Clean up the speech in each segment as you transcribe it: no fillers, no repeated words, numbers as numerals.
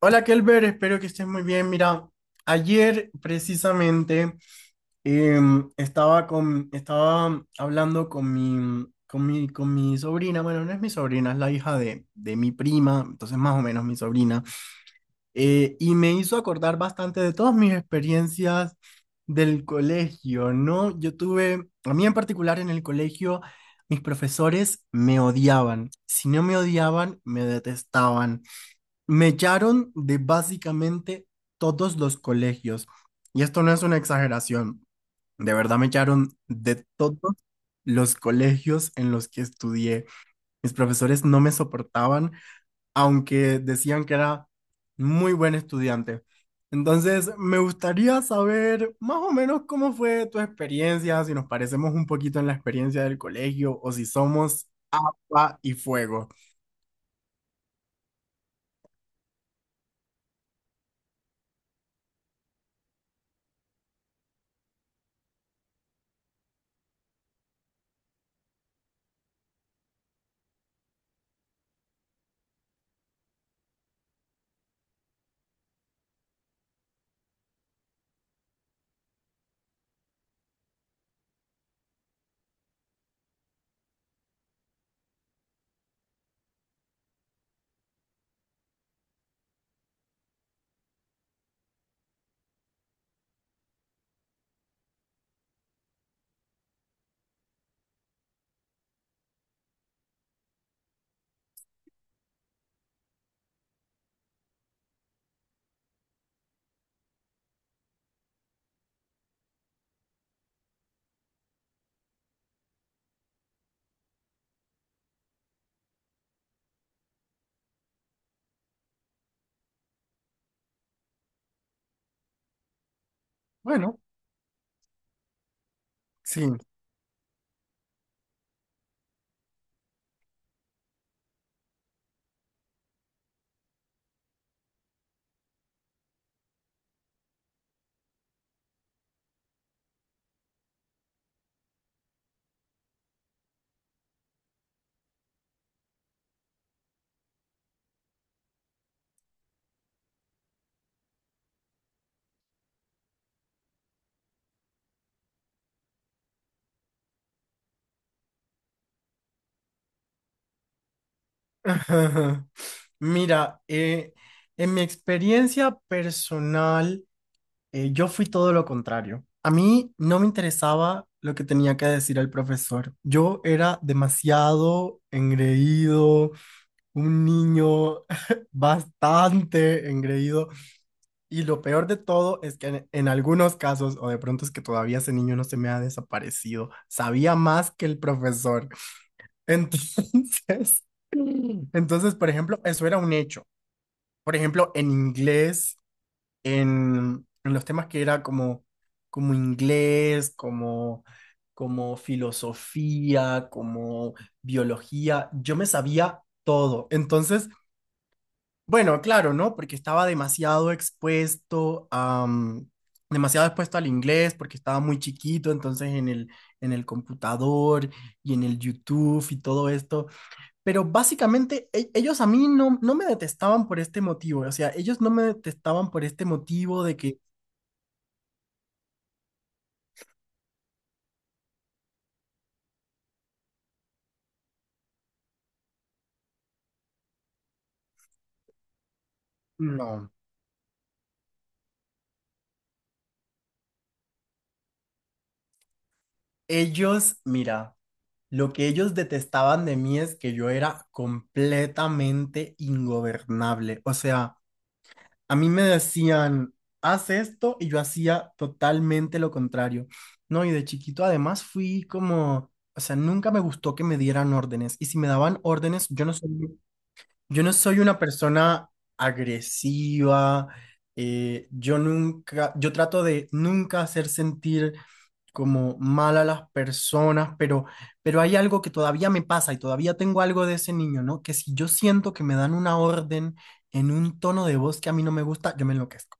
Hola Kelber, espero que estés muy bien. Mira, ayer precisamente eh, estaba estaba hablando con mi sobrina, bueno, no es mi sobrina, es la hija de mi prima, entonces más o menos mi sobrina, y me hizo acordar bastante de todas mis experiencias del colegio, ¿no? A mí en particular en el colegio, mis profesores me odiaban. Si no me odiaban, me detestaban. Me echaron de básicamente todos los colegios. Y esto no es una exageración. De verdad me echaron de todos los colegios en los que estudié. Mis profesores no me soportaban, aunque decían que era muy buen estudiante. Entonces, me gustaría saber más o menos cómo fue tu experiencia, si nos parecemos un poquito en la experiencia del colegio o si somos pa y fuego. Bueno, sí. Ajá. Mira, en mi experiencia personal, yo fui todo lo contrario. A mí no me interesaba lo que tenía que decir el profesor. Yo era demasiado engreído, un niño bastante engreído. Y lo peor de todo es que en algunos casos, o de pronto es que todavía ese niño no se me ha desaparecido, sabía más que el profesor. Entonces... Entonces, por ejemplo, eso era un hecho, por ejemplo, en inglés, en los temas que era como inglés, como filosofía, como biología, yo me sabía todo. Entonces, bueno, claro, ¿no? Porque estaba demasiado expuesto a, demasiado expuesto al inglés, porque estaba muy chiquito, entonces en en el computador y en el YouTube y todo esto. Pero básicamente ellos a mí no me detestaban por este motivo, o sea, ellos no me detestaban por este motivo de que, no, ellos, mira, lo que ellos detestaban de mí es que yo era completamente ingobernable, o sea, a mí me decían, haz esto y yo hacía totalmente lo contrario, ¿no? Y de chiquito además fui como, o sea, nunca me gustó que me dieran órdenes y si me daban órdenes, yo no sé. Yo no soy una persona agresiva, yo nunca, yo trato de nunca hacer sentir como mal a las personas, pero hay algo que todavía me pasa y todavía tengo algo de ese niño, ¿no? Que si yo siento que me dan una orden en un tono de voz que a mí no me gusta, yo me enloquezco.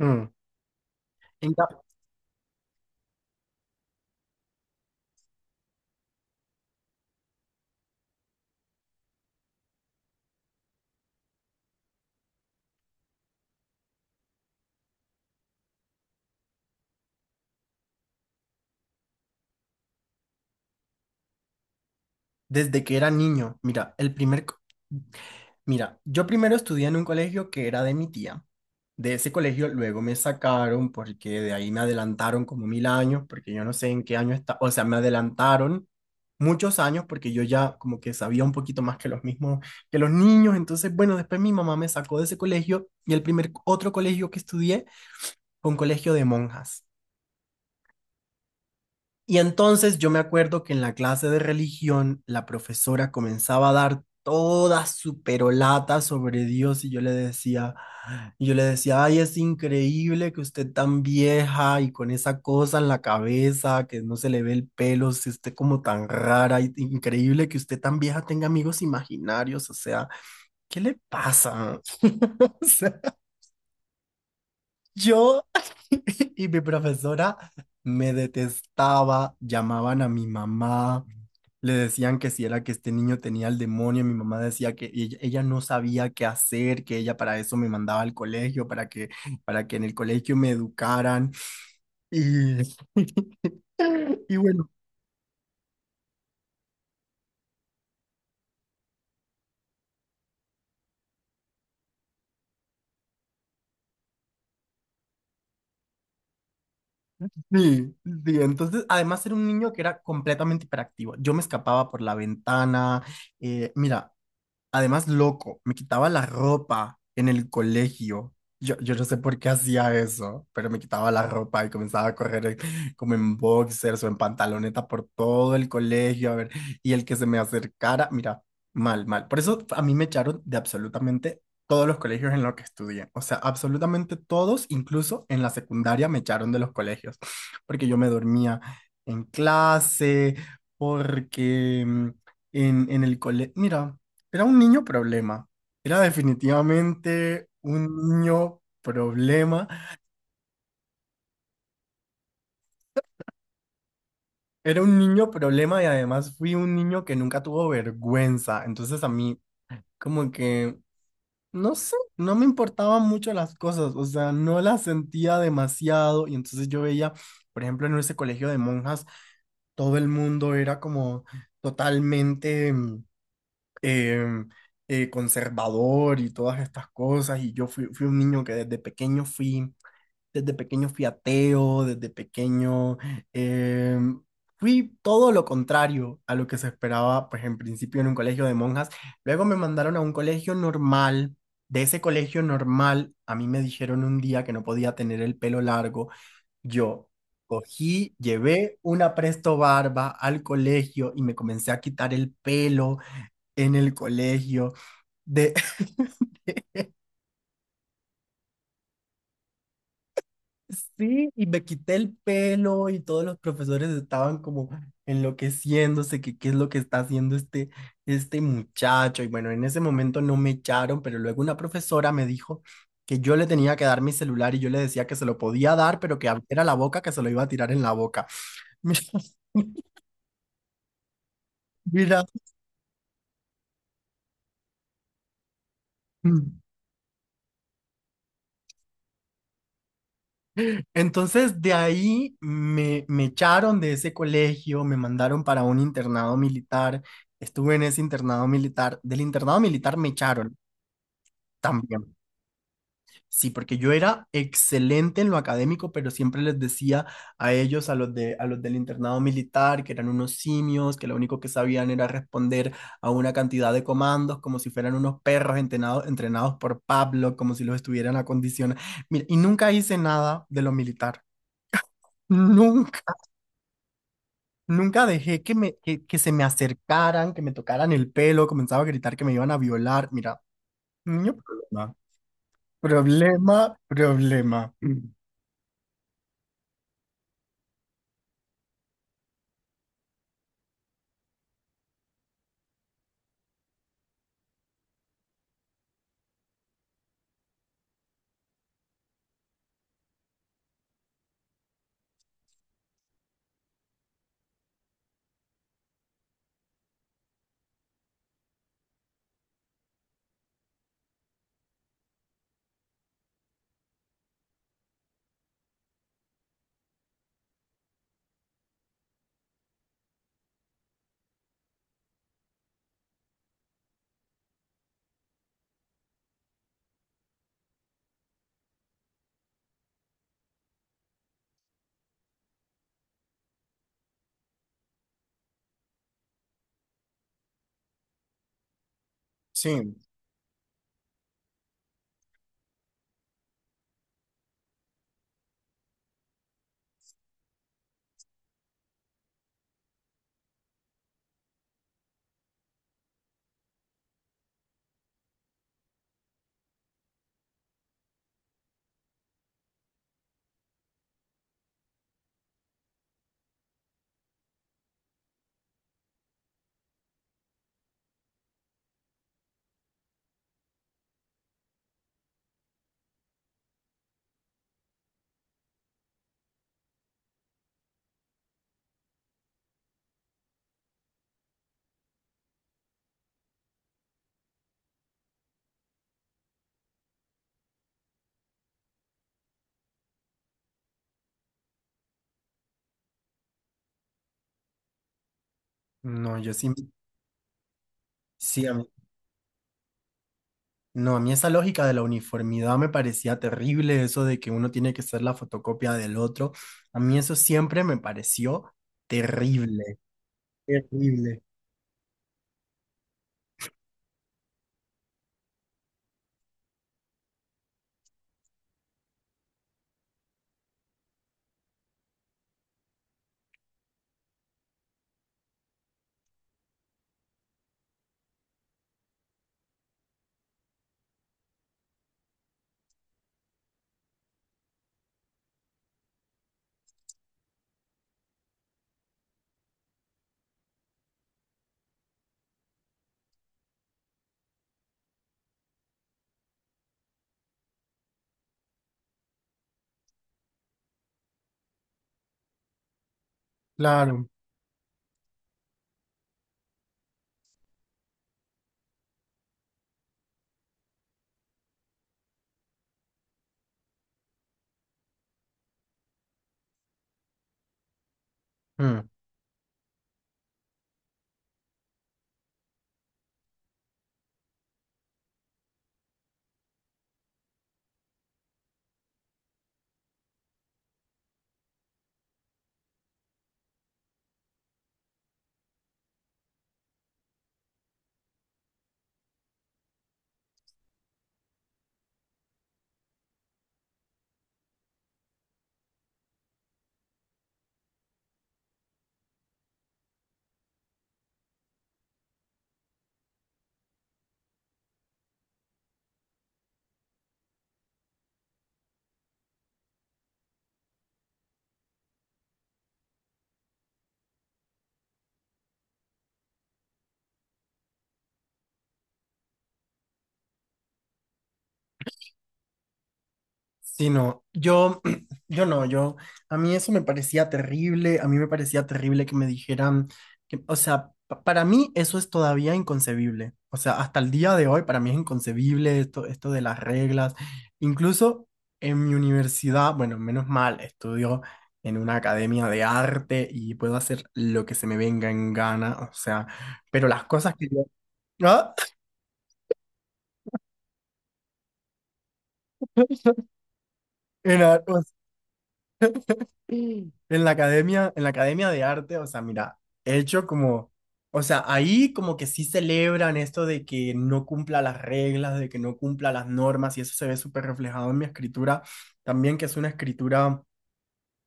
Mm, En ca- Desde que era niño, mira, mira, yo primero estudié en un colegio que era de mi tía. De ese colegio luego me sacaron porque de ahí me adelantaron como mil años, porque yo no sé en qué año está, o sea, me adelantaron muchos años porque yo ya como que sabía un poquito más que los mismos, que los niños. Entonces, bueno, después mi mamá me sacó de ese colegio y el primer otro colegio que estudié fue un colegio de monjas. Y entonces yo me acuerdo que en la clase de religión la profesora comenzaba a dar toda su perolata sobre Dios y yo le decía, y yo le decía, ay, es increíble que usted tan vieja y con esa cosa en la cabeza, que no se le ve el pelo, se esté como tan rara, increíble que usted tan vieja tenga amigos imaginarios, o sea, ¿qué le pasa? O sea, yo y mi profesora me detestaba, llamaban a mi mamá, le decían que si era que este niño tenía el demonio, mi mamá decía que ella no sabía qué hacer, que ella para eso me mandaba al colegio, para que en el colegio me educaran. Y, y bueno, sí, sí, entonces además era un niño que era completamente hiperactivo. Yo me escapaba por la ventana. Mira. Además, loco, me quitaba la ropa en el colegio. Yo no sé por qué hacía eso, pero me quitaba la ropa y comenzaba a correr como en boxers o en pantaloneta por todo el colegio, a ver, y el que se me acercara, mira, mal, mal. Por eso a mí me echaron de absolutamente todos los colegios en los que estudié. O sea, absolutamente todos, incluso en la secundaria me echaron de los colegios, porque yo me dormía en clase, porque en el colegio, mira. Era un niño problema. Era definitivamente un niño problema. Era un niño problema y además fui un niño que nunca tuvo vergüenza. Entonces a mí como que, no sé, no me importaban mucho las cosas. O sea, no las sentía demasiado. Y entonces yo veía, por ejemplo, en ese colegio de monjas, todo el mundo era como totalmente em, conservador y todas estas cosas. Y fui un niño que desde pequeño fui ateo, desde pequeño eh, fui todo lo contrario a lo que se esperaba, pues en principio en un colegio de monjas. Luego me mandaron a un colegio normal. De ese colegio normal, a mí me dijeron un día que no podía tener el pelo largo. Yo cogí, llevé una presto barba al colegio y me comencé a quitar el pelo en el colegio. De, sí, y me quité el pelo y todos los profesores estaban como enloqueciéndose, que qué es lo que está haciendo este muchacho. Y bueno, en ese momento no me echaron, pero luego una profesora me dijo que yo le tenía que dar mi celular y yo le decía que se lo podía dar, pero que abriera la boca, que se lo iba a tirar en la boca. Mira, mira. Entonces de ahí me echaron de ese colegio, me mandaron para un internado militar. Estuve en ese internado militar. Del internado militar me echaron. También, sí, porque yo era excelente en lo académico, pero siempre les decía a ellos, a los del internado militar, que eran unos simios, que lo único que sabían era responder a una cantidad de comandos, como si fueran unos perros entrenados, entrenados por Pablo, como si los estuvieran acondicionados. Mira, y nunca hice nada de lo militar. Nunca, nunca dejé que que se me acercaran, que me tocaran el pelo, comenzaba a gritar que me iban a violar. Mira, niño problema, problema, problema. Sí, no, yo sí, sí, no, a mí esa lógica de la uniformidad me parecía terrible, eso de que uno tiene que ser la fotocopia del otro, a mí eso siempre me pareció terrible, terrible, claro. Mm. Sí, no, yo no, yo, a mí eso me parecía terrible, a mí me parecía terrible que me dijeran, que, o sea, para mí eso es todavía inconcebible, o sea, hasta el día de hoy para mí es inconcebible esto, esto de las reglas, incluso en mi universidad, bueno, menos mal, estudio en una academia de arte y puedo hacer lo que se me venga en gana, o sea, pero las cosas que yo... ¿Ah? Era- Mm. En la academia de arte, o sea, mira, he hecho como, o sea, ahí como que sí celebran esto de que no cumpla las reglas, de que no cumpla las normas, y eso se ve súper reflejado en mi escritura, también que es una escritura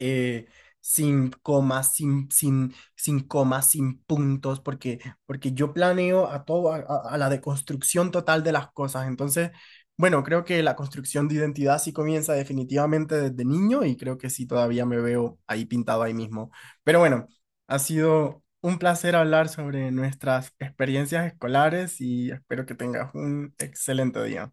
eh, sin comas, sin comas, sin puntos, porque, porque yo planeo a todo, a la deconstrucción total de las cosas. Entonces, bueno, creo que la construcción de identidad sí comienza definitivamente desde niño y creo que sí todavía me veo ahí pintado ahí mismo. Pero bueno, ha sido un placer hablar sobre nuestras experiencias escolares y espero que tengas un excelente día.